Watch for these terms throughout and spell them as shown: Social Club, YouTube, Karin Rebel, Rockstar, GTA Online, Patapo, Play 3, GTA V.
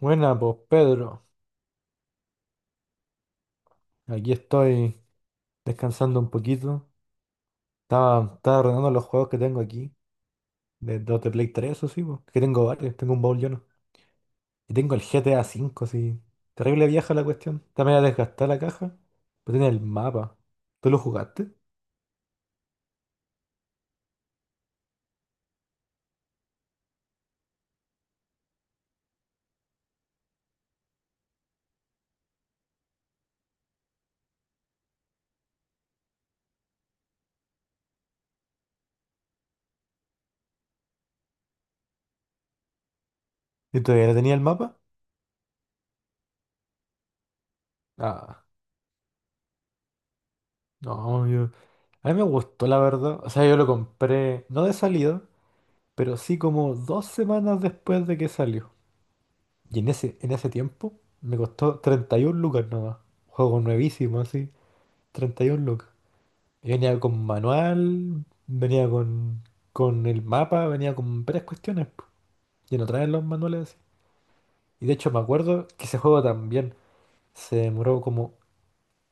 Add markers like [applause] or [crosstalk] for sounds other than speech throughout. Buena, pues Pedro, aquí estoy descansando un poquito. Estaba ordenando los juegos que tengo aquí, de Play 3, eso sí, po, que tengo varios, tengo un baúl lleno. Y tengo el GTA V, sí. Terrible vieja la cuestión. Está media desgastada la caja, pero tiene el mapa. ¿Tú lo jugaste? ¿Y todavía no tenía el mapa? Ah, no, yo. A mí me gustó, la verdad. O sea, yo lo compré, no de salida, pero sí como 2 semanas después de que salió. Y en ese tiempo me costó 31 lucas nada. Juego nuevísimo, así. 31 lucas. Y venía con manual, venía con el mapa, venía con varias cuestiones, po. Y no traen los manuales así. Y de hecho me acuerdo que ese juego también se demoró como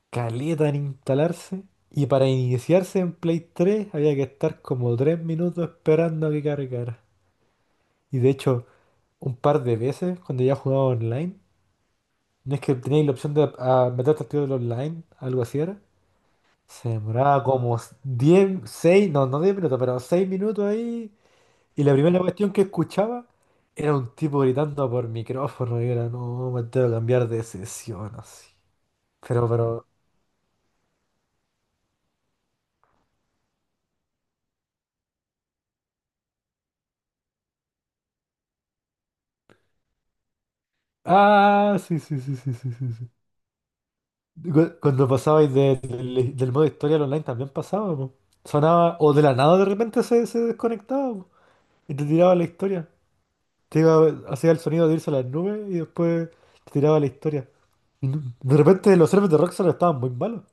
caleta en instalarse. Y para iniciarse en Play 3 había que estar como 3 minutos esperando a que cargara. Y de hecho, un par de veces cuando ya jugaba online, no es que teníais la opción de meterte al tiro del online, algo así era. Se demoraba como diez, seis, no, no 10 minutos, pero 6 minutos ahí. Y la primera cuestión que escuchaba era un tipo gritando por micrófono y era, no, me tengo que cambiar de sesión, así. Pero, pero, ah, sí, sí, sí, sí, sí, sí, sí. Cuando pasabais del modo historia al online también pasaba, po. Sonaba, o de la nada de repente se desconectaba, po, y te tiraba la historia. Hacía el sonido de irse a las nubes y después te tiraba la historia. Y de repente los servers de Rockstar estaban muy malos.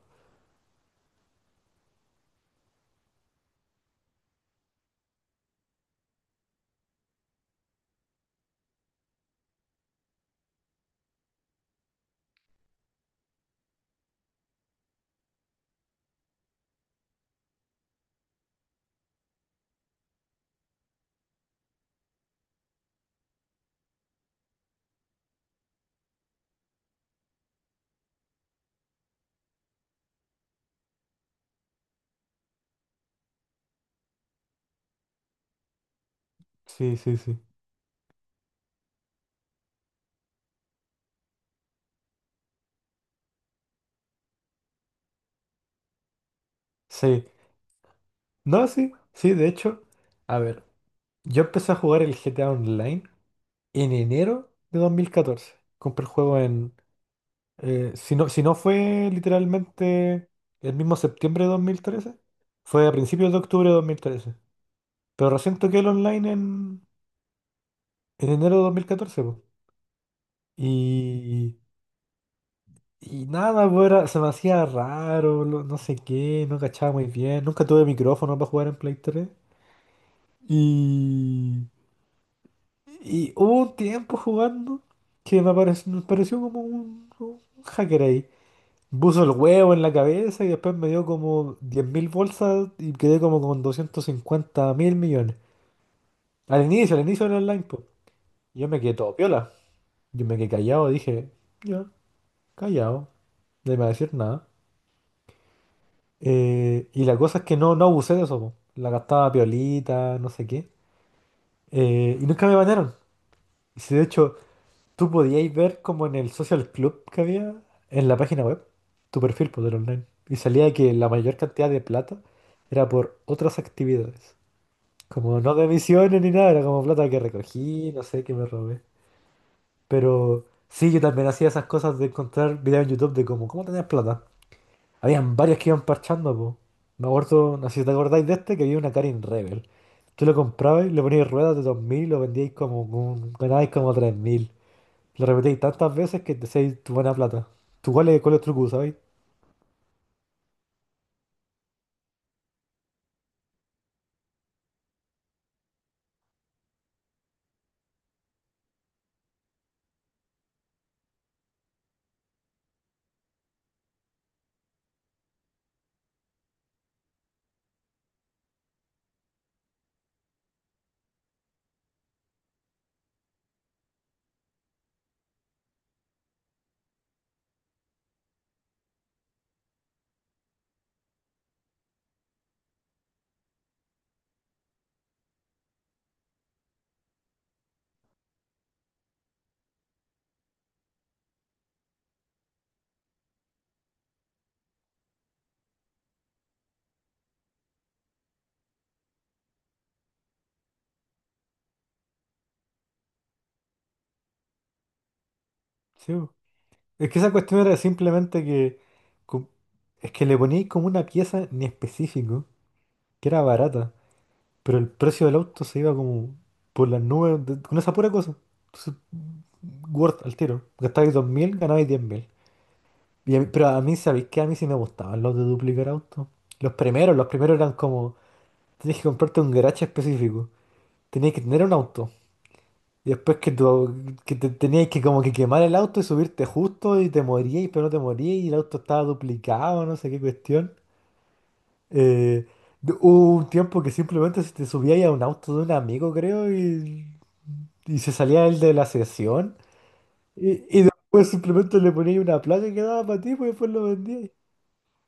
Sí, sí, sí. Sí. No, sí, sí, de hecho. A ver, yo empecé a jugar el GTA Online en enero de 2014. Compré el juego en. Si no, si no fue literalmente el mismo septiembre de 2013, fue a principios de octubre de 2013. Pero recién toqué el online en enero de 2014, po. Y. Y nada, pues se me hacía raro, no sé qué, no cachaba muy bien. Nunca tuve micrófono para jugar en Play 3. Y, y hubo un tiempo jugando que me pareció como un hacker ahí. Puso el huevo en la cabeza y después me dio como 10.000 bolsas y quedé como con 250.000 millones. Al inicio del online, pues. Yo me quedé todo piola. Yo me quedé callado, dije, ya, callado, no iba a decir nada. Y la cosa es que no abusé de eso, po. La gastaba piolita, no sé qué. Y nunca me bañaron. Y si de hecho tú podíais ver como en el social club que había en la página web, tu perfil poder online. Y salía que la mayor cantidad de plata era por otras actividades. Como no de misiones ni nada, era como plata que recogí, no sé, que me robé. Pero sí, yo también hacía esas cosas de encontrar videos en YouTube de como, ¿cómo tenías plata? Habían varios que iban parchando, po. Me acuerdo, no sé si te acordáis de este, que había una Karin Rebel. Tú lo comprabas, le ponías ruedas de 2.000, lo vendíais como, ganabais como 3.000. Lo repetíais tantas veces que te hacíais tu buena plata. ¿Tú cuál es el truco, sabéis? Sí, po. Es que esa cuestión era simplemente que. com- Es que le poníais como una pieza en específico, que era barata, pero el precio del auto se iba como por las nubes con esa pura cosa. Entonces, worth al tiro. Gastabais 2.000, ganabais 10.000. Pero a mí, ¿sabéis qué? A mí sí me gustaban los de duplicar autos. Los primeros eran como, tenías que comprarte un garaje específico, tenías que tener un auto. Y después que, tu- que te, tenías que como que quemar el auto y subirte justo y te morías pero no te morías y el auto estaba duplicado, no sé qué cuestión. Eh, Hubo un tiempo que simplemente se te subíais a un auto de un amigo, creo, y se salía el de la sesión. Y después simplemente le poníais una placa que daba para ti, pues después lo vendíais.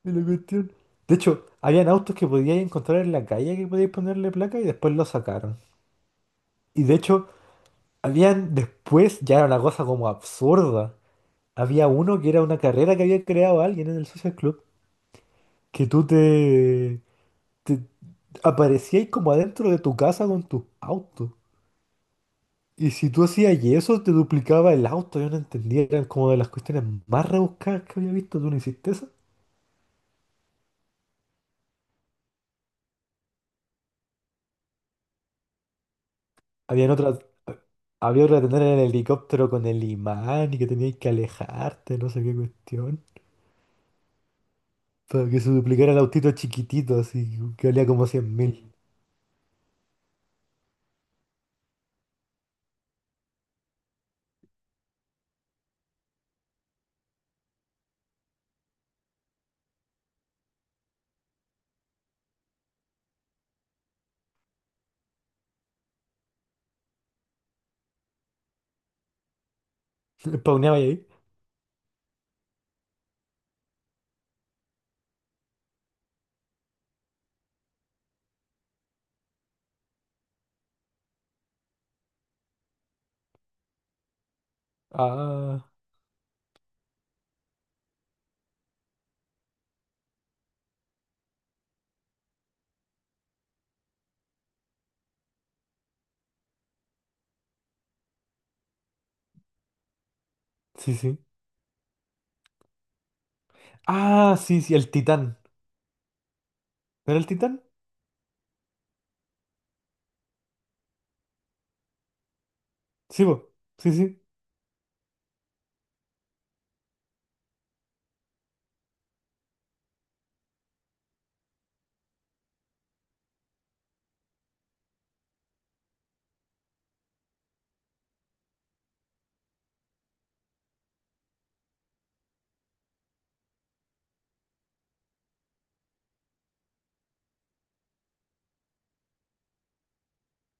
De la cuestión. De hecho, habían autos que podíais encontrar en la calle que podíais ponerle placa y después lo sacaron. Y de hecho, habían después, ya era una cosa como absurda. Había uno que era una carrera que había creado alguien en el Social Club, que tú te aparecíais como adentro de tu casa con tus autos. Y si tú hacías eso, te duplicaba el auto. Yo no entendía, eran como de las cuestiones más rebuscadas que había visto. ¿Tú no hiciste eso? Habían otras. Había que tener en el helicóptero con el imán y que tenías que alejarte, no sé qué cuestión. Para que se duplicara el autito chiquitito, así que valía como 100.000. [laughs] Spawneaba ahí. Ah, sí, sí. Ah, sí, sí, el titán. ¿No era el titán? Sí, po. Sí, sí.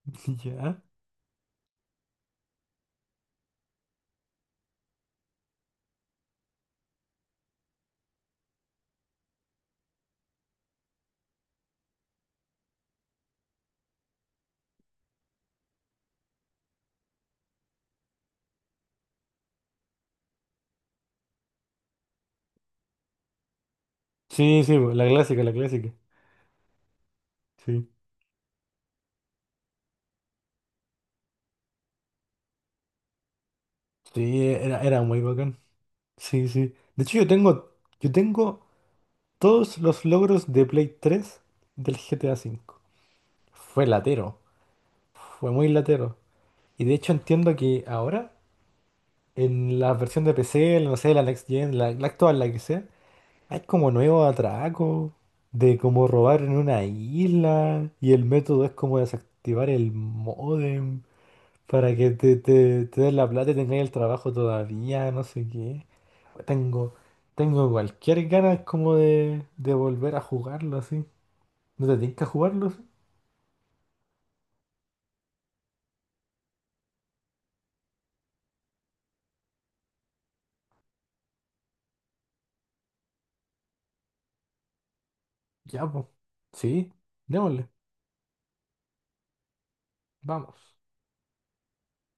[laughs] Ya. Sí, sí, po, la clásica, la clásica. Sí. Sí, era muy bacán. Sí, sí. De hecho, yo tengo todos los logros de Play 3 del GTA V. Fue latero. Fue muy latero. Y de hecho entiendo que ahora, en la versión de PC, no sé, la Next Gen, la actual, la que sea, hay como nuevos atracos de como robar en una isla y el método es como desactivar el módem para que te den la plata y tengáis el trabajo todavía, no sé qué. Tengo, tengo cualquier ganas como de volver a jugarlo así. ¿No te tienes que jugarlo así? Ya, pues. Sí, démosle, vamos.